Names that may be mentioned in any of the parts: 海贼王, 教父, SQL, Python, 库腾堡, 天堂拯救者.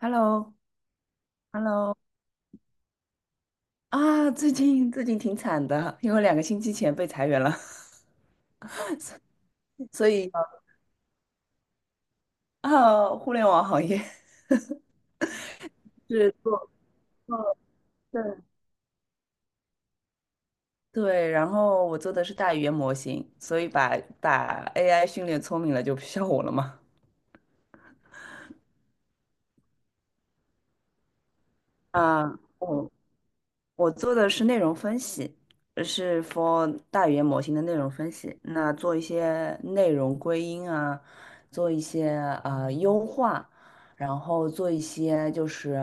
Hello，Hello。 最近挺惨的，因为两个星期前被裁员了。所以啊，互联网行业。 是做做对对，然后我做的是大语言模型，所以把 AI 训练聪明了就不需要我了嘛。啊，我我做的是内容分析，是 for 大语言模型的内容分析。那做一些内容归因啊，做一些优化，然后做一些就是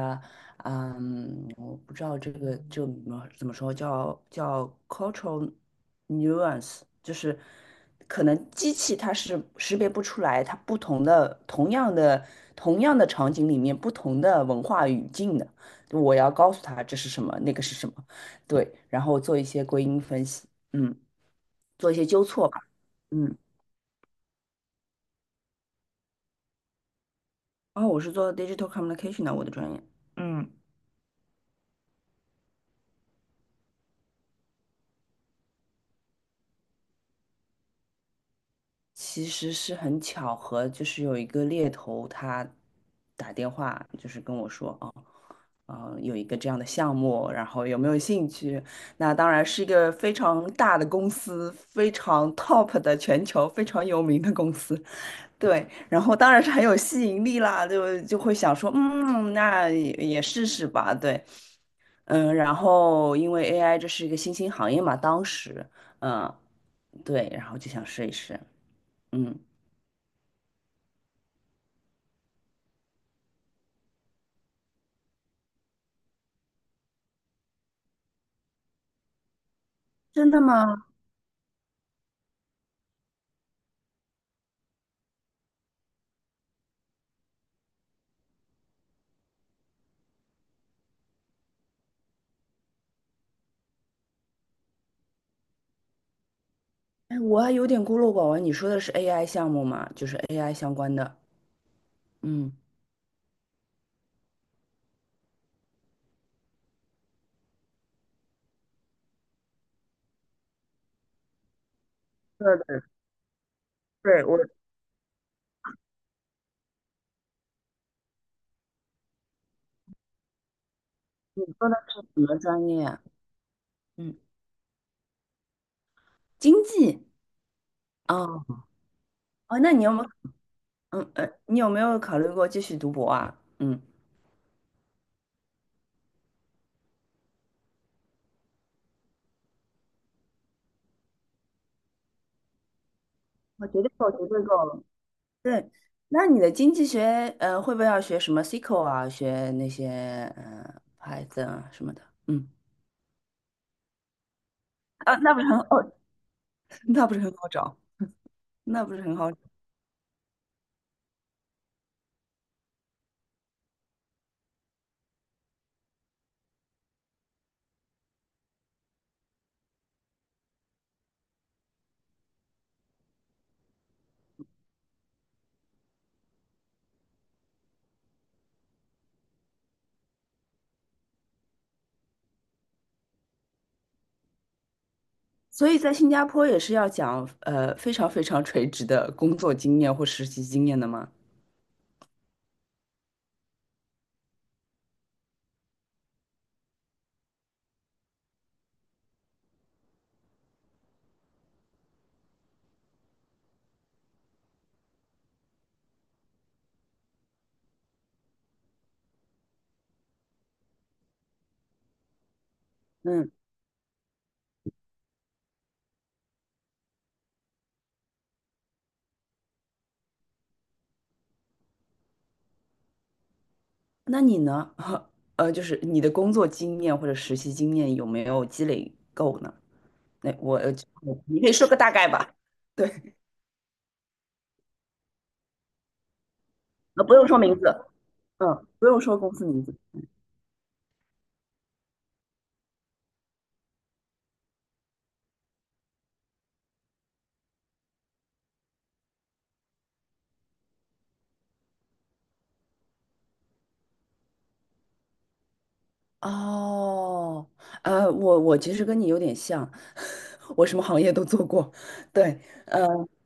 嗯，我不知道这个怎么说，叫 cultural nuance，就是可能机器它是识别不出来它不同的同样的场景里面不同的文化语境的。我要告诉他这是什么，那个是什么。对，然后做一些归因分析，嗯，做一些纠错吧。嗯。然我是做 digital communication 的，我的专业，嗯，其实是很巧合，就是有一个猎头他打电话，就是跟我说，啊，有一个这样的项目，然后有没有兴趣？那当然是一个非常大的公司，非常 top 的全球非常有名的公司。对，然后当然是很有吸引力啦，就会想说，嗯，那也试试吧。对。然后因为 AI 这是一个新兴行业嘛，当时，嗯，对，然后就想试一试。嗯，真的吗？哎，我还有点孤陋寡闻，你说的是 AI 项目吗？就是 AI 相关的。嗯，对对对，我你说的是什么专业啊？嗯，经济。哦。哦，那你有没有，你有没有考虑过继续读博啊？嗯，我绝对够，绝对够。对，那你的经济学会不会要学什么 SQL 啊，学那些Python 啊什么的？嗯，啊，那不是很哦，那不是很好找，那不是很好找。所以在新加坡也是要讲非常非常垂直的工作经验或实习经验的吗？嗯，那你呢？就是你的工作经验或者实习经验有没有积累够呢？那我，你可以说个大概吧。对，那不用说名字，嗯，不用说公司名字。哦，我其实跟你有点像，我什么行业都做过。对，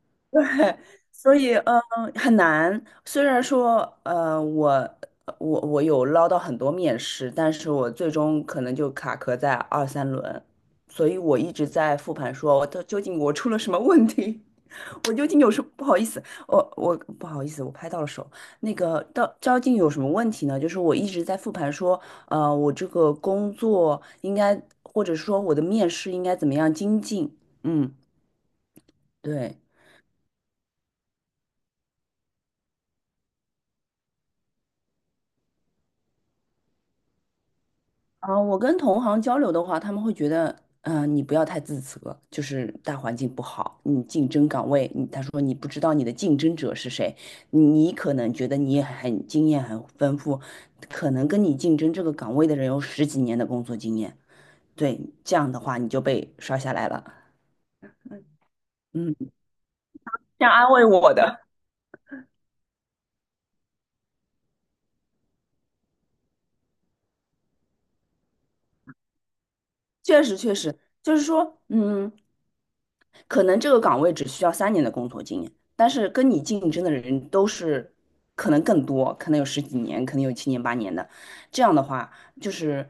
对，所以嗯很难。虽然说我有捞到很多面试，但是我最终可能就卡壳在二三轮，所以我一直在复盘说，我究竟我出了什么问题？我究竟有什么不好意思？我不好意思，我拍到了手。那个到究竟有什么问题呢？就是我一直在复盘说，我这个工作应该，或者说我的面试应该怎么样精进？嗯，对。啊，我跟同行交流的话，他们会觉得，嗯、你不要太自责，就是大环境不好，你竞争岗位，你他说你不知道你的竞争者是谁，你可能觉得你也很经验很丰富，可能跟你竞争这个岗位的人有十几年的工作经验。对，这样的话你就被刷下来了。嗯，这样安慰我的。确实确实，就是说，嗯。可能这个岗位只需要三年的工作经验，但是跟你竞争的人都是可能更多，可能有十几年，可能有七年八年的。这样的话，就是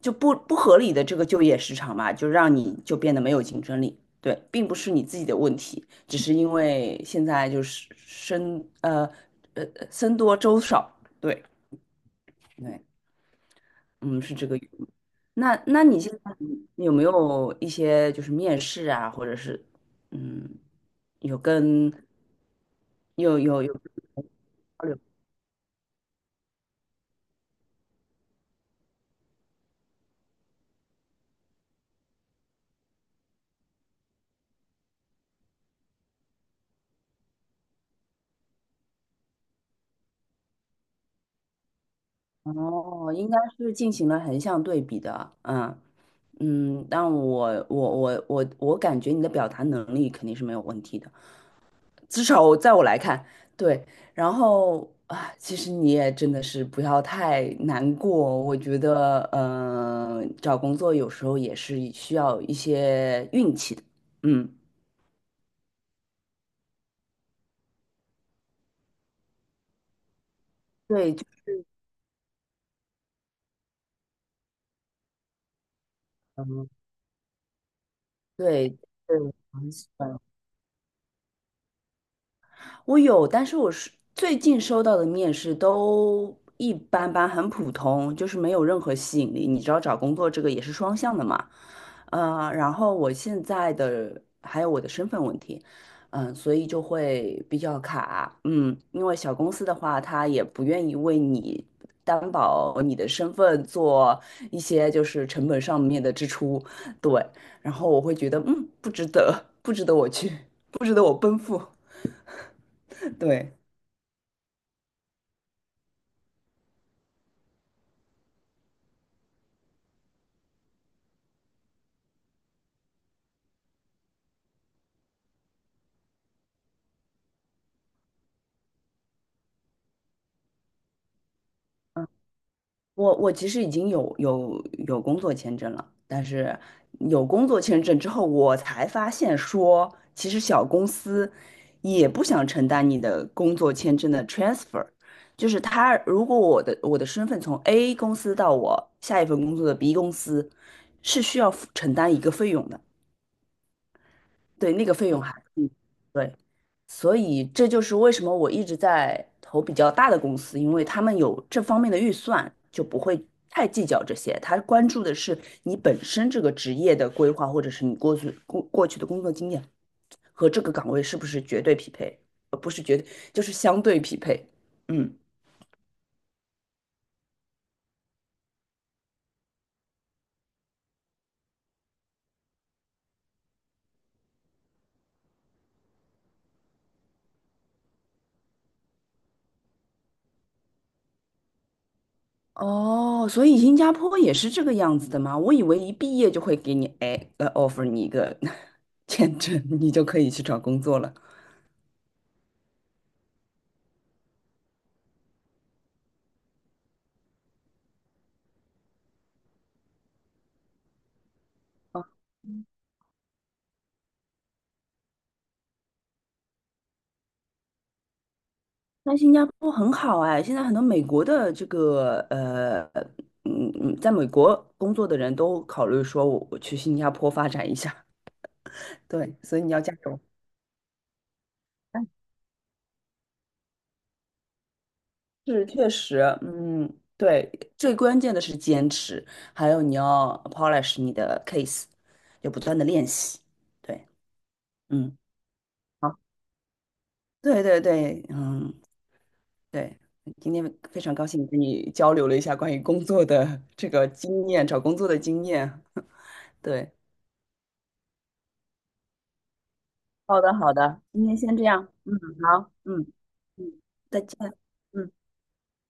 就不合理的这个就业市场吧，就让你就变得没有竞争力。对，并不是你自己的问题，只是因为现在就是生呃僧多粥少。对对。嗯，是这个。那你现在有没有一些就是面试啊，或者是嗯，有跟有交流？哦，应该是进行了横向对比的。嗯嗯，但我感觉你的表达能力肯定是没有问题的。至少我在我来看。对。然后啊，其实你也真的是不要太难过。我觉得，嗯、找工作有时候也是需要一些运气的。嗯，对，嗯，对，对，我有，但是我是最近收到的面试都一般般，很普通，就是没有任何吸引力。你知道找工作这个也是双向的嘛，嗯，然后我现在的还有我的身份问题。嗯、所以就会比较卡，嗯，因为小公司的话，他也不愿意为你担保你的身份做一些就是成本上面的支出。对，然后我会觉得，嗯，不值得，不值得我去，不值得我奔赴。对。我其实已经有工作签证了，但是有工作签证之后，我才发现说，其实小公司也不想承担你的工作签证的 transfer，就是他如果我的身份从 A 公司到我下一份工作的 B 公司，是需要承担一个费用的。对，那个费用还嗯对，所以这就是为什么我一直在投比较大的公司，因为他们有这方面的预算，就不会太计较这些。他关注的是你本身这个职业的规划，或者是你过去的工作经验和这个岗位是不是绝对匹配，就是相对匹配。嗯，哦，所以新加坡也是这个样子的吗？我以为一毕业就会给你offer 你一个 签证，你就可以去找工作了。但新加坡很好哎，现在很多美国的这个嗯嗯，在美国工作的人都考虑说我去新加坡发展一下。对，所以你要加油。是，确实，嗯，对，最关键的是坚持，还有你要 polish 你的 case，要不断的练习。对，嗯，好，对对对，嗯，对，今天非常高兴跟你交流了一下关于工作的这个经验，找工作的经验。对。好的，好的，今天先这样。嗯，好，嗯嗯，再见。嗯。